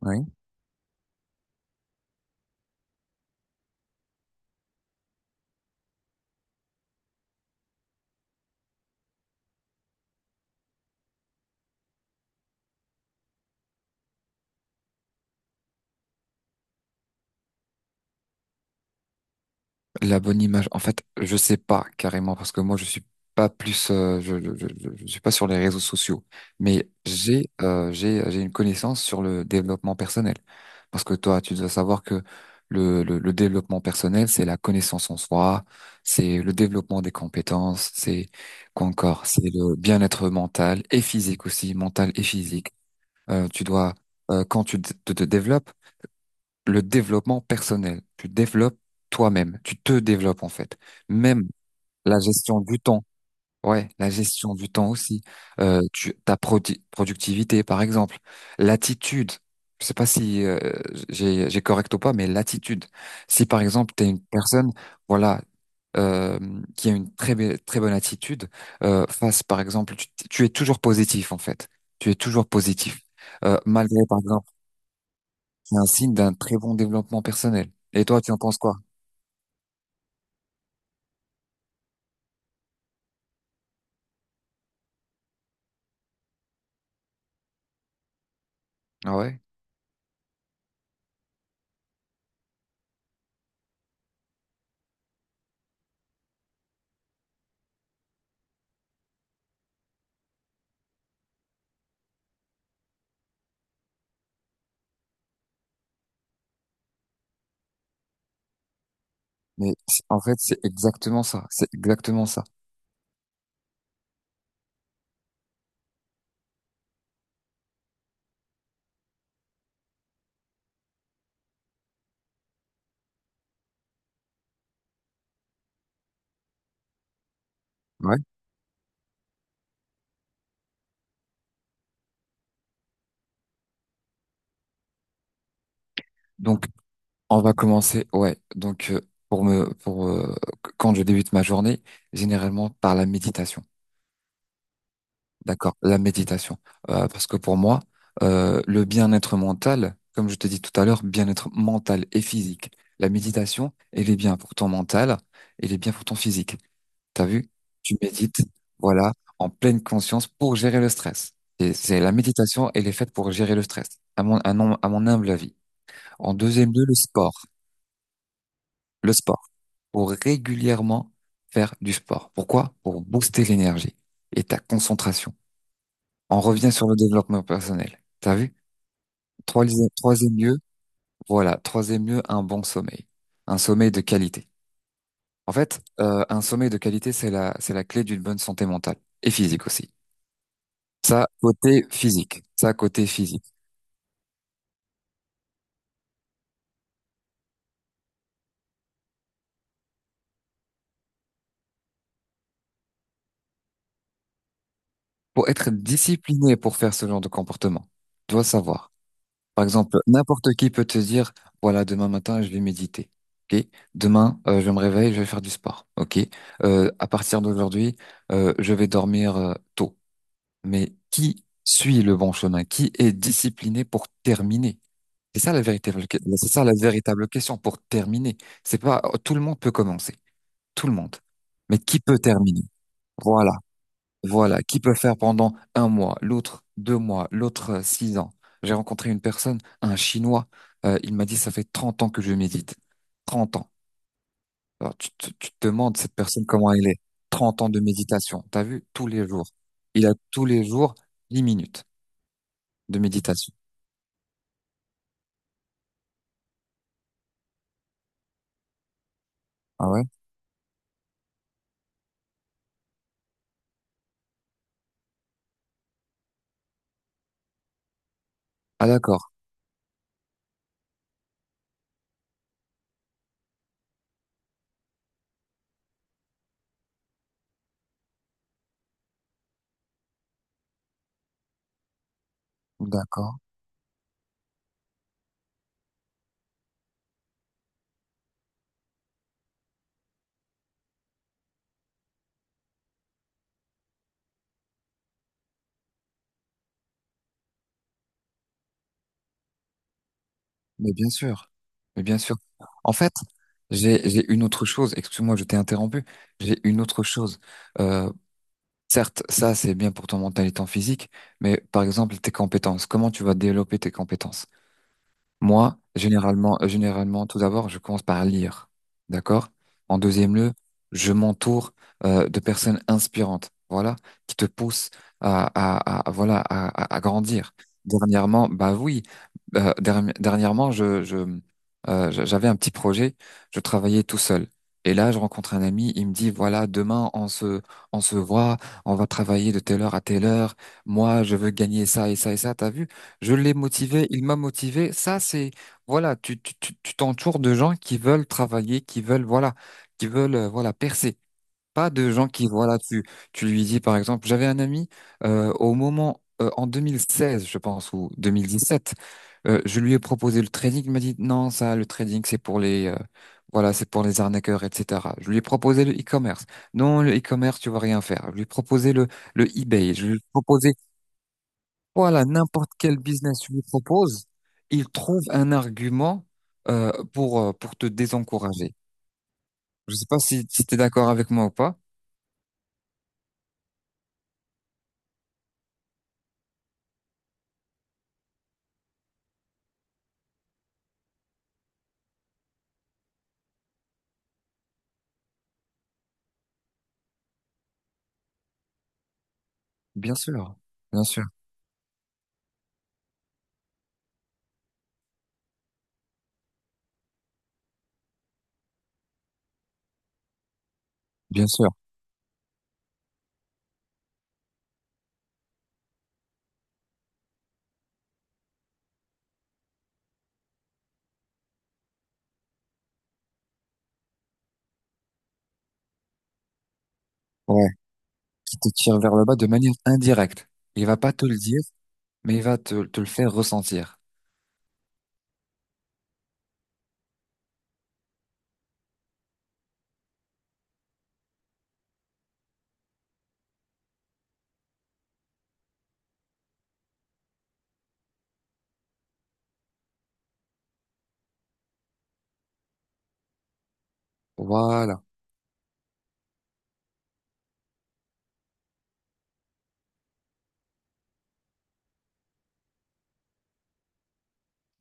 Oui. La bonne image. En fait, je sais pas carrément parce que moi je suis pas plus, je suis pas sur les réseaux sociaux. Mais j'ai une connaissance sur le développement personnel. Parce que toi, tu dois savoir que le développement personnel, c'est la connaissance en soi, c'est le développement des compétences, c'est quoi encore, c'est le bien-être mental et physique aussi, mental et physique. Tu dois, quand tu te développes le développement personnel. Tu développes toi-même. Tu te développes en fait. Même la gestion du temps. Ouais, la gestion du temps aussi. Tu, ta productivité, par exemple. L'attitude. Je sais pas si j'ai correct ou pas, mais l'attitude. Si par exemple tu es une personne, voilà, euh, qui a une très bonne attitude face, par exemple, tu es toujours positif en fait. Tu es toujours positif. Malgré par exemple c'est un signe d'un très bon développement personnel. Et toi, tu en penses quoi? Ah ouais? Mais c'est- en fait, c'est exactement ça. C'est exactement ça. Ouais. Donc, on va commencer. Ouais. Donc, pour me, pour quand je débute ma journée, généralement par la méditation. D'accord. La méditation. Parce que pour moi, le bien-être mental, comme je te dis tout à l'heure, bien-être mental et physique. La méditation, elle est bien pour ton mental, elle est bien pour ton physique. T'as vu? Tu médites, voilà, en pleine conscience pour gérer le stress. Et c'est la méditation, elle est faite pour gérer le stress, à mon humble avis. En deuxième lieu, le sport. Le sport. Pour régulièrement faire du sport. Pourquoi? Pour booster l'énergie et ta concentration. On revient sur le développement personnel. T'as vu? Troisième lieu, voilà, troisième lieu, un bon sommeil. Un sommeil de qualité. En fait, un sommeil de qualité, c'est la clé d'une bonne santé mentale et physique aussi. Ça, côté physique. Ça, côté physique. Pour être discipliné pour faire ce genre de comportement, tu dois savoir. Par exemple, n'importe qui peut te dire, voilà, demain matin, je vais méditer. Ok? Demain, je me réveille, je vais faire du sport. Ok? À partir d'aujourd'hui, je vais dormir tôt. Mais qui suit le bon chemin? Qui est discipliné pour terminer? C'est ça la c'est ça la véritable question pour terminer. C'est pas, tout le monde peut commencer. Tout le monde. Mais qui peut terminer? Voilà. Voilà, qui peut faire pendant un mois, l'autre 2 mois, l'autre 6 ans. J'ai rencontré une personne, un Chinois, il m'a dit, ça fait 30 ans que je médite. 30 ans. Alors, tu te demandes cette personne comment elle est. 30 ans de méditation, t'as vu? Tous les jours. Il a tous les jours 10 minutes de méditation. Ah ouais? Ah d'accord, d'accord. Mais bien sûr, mais bien sûr. En fait, j'ai une autre chose, excuse-moi, je t'ai interrompu, j'ai une autre chose. Euh, Certes, ça c'est bien pour ton mental et ton physique, mais par exemple tes compétences, comment tu vas développer tes compétences? Moi, généralement, généralement, tout d'abord, je commence par lire, d'accord? En deuxième lieu, je m'entoure de personnes inspirantes, voilà, qui te poussent voilà, à grandir. Dernièrement, bah oui, dernièrement, j'avais un petit projet, je travaillais tout seul. Et là, je rencontre un ami, il me dit, voilà, demain, on se voit, on va travailler de telle heure à telle heure. Moi, je veux gagner ça et ça et ça. T'as vu? Je l'ai motivé, il m'a motivé. Ça, c'est, voilà, tu t'entoures de gens qui veulent travailler, qui veulent, voilà, percer. Pas de gens qui, voilà, tu lui dis, par exemple, j'avais un ami, au moment, en 2016, je pense, ou 2017, je lui ai proposé le trading. Il m'a dit, non, ça, le trading, c'est pour voilà, c'est pour les arnaqueurs, etc. Je lui ai proposé le e-commerce. Non, le e-commerce, tu vas rien faire. Je lui ai proposé le eBay. Je lui ai proposé voilà, n'importe quel business tu lui propose, il trouve un argument pour te désencourager. Je ne sais pas si, si tu es d'accord avec moi ou pas. Bien sûr, bien sûr, bien sûr. Ouais. Qui te tire vers le bas de manière indirecte. Il va pas te le dire, mais il va te le faire ressentir. Voilà,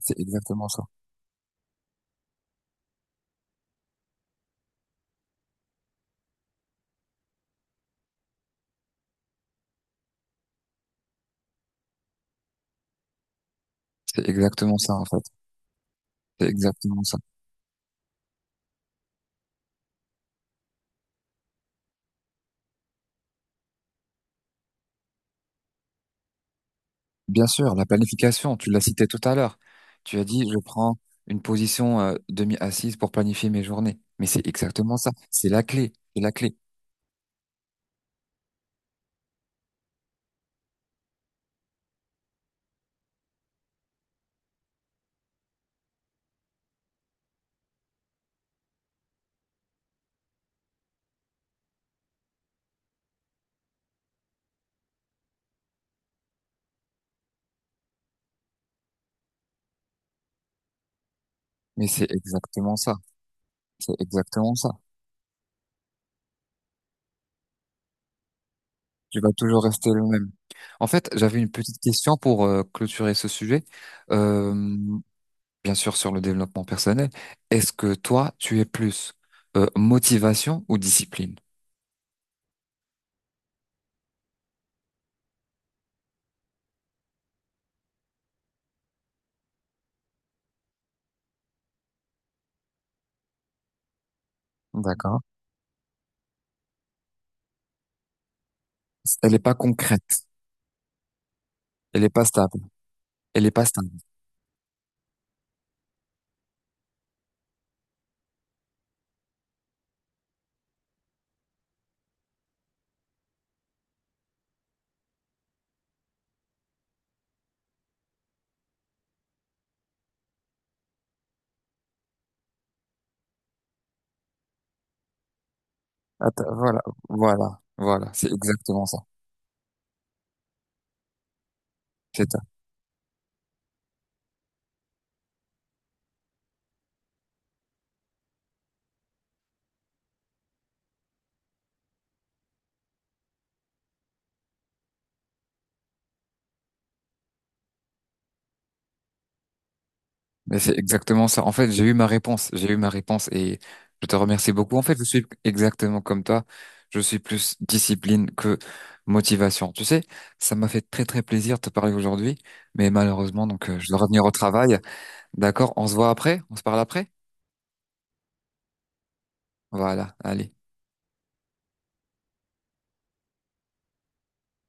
c'est exactement ça. C'est exactement ça en fait. C'est exactement ça. Bien sûr, la planification, tu l'as cité tout à l'heure. Tu as dit, je prends une position demi-assise pour planifier mes journées. Mais c'est exactement ça. C'est la clé. C'est la clé. Mais c'est exactement ça. C'est exactement ça. Tu vas toujours rester le même. En fait, j'avais une petite question pour clôturer ce sujet. Euh, bien sûr, sur le développement personnel. Est-ce que toi, tu es plus motivation ou discipline? D'accord. Elle n'est pas concrète. Elle n'est pas stable. Elle n'est pas stable. Attends, voilà, voilà, voilà, c'est exactement ça. C'est ça. Mais c'est exactement ça. En fait, j'ai eu ma réponse, j'ai eu ma réponse et je te remercie beaucoup. En fait, je suis exactement comme toi. Je suis plus discipline que motivation. Tu sais, ça m'a fait très très plaisir de te parler aujourd'hui, mais malheureusement, donc je dois revenir au travail. D'accord, on se voit après, on se parle après. Voilà, allez.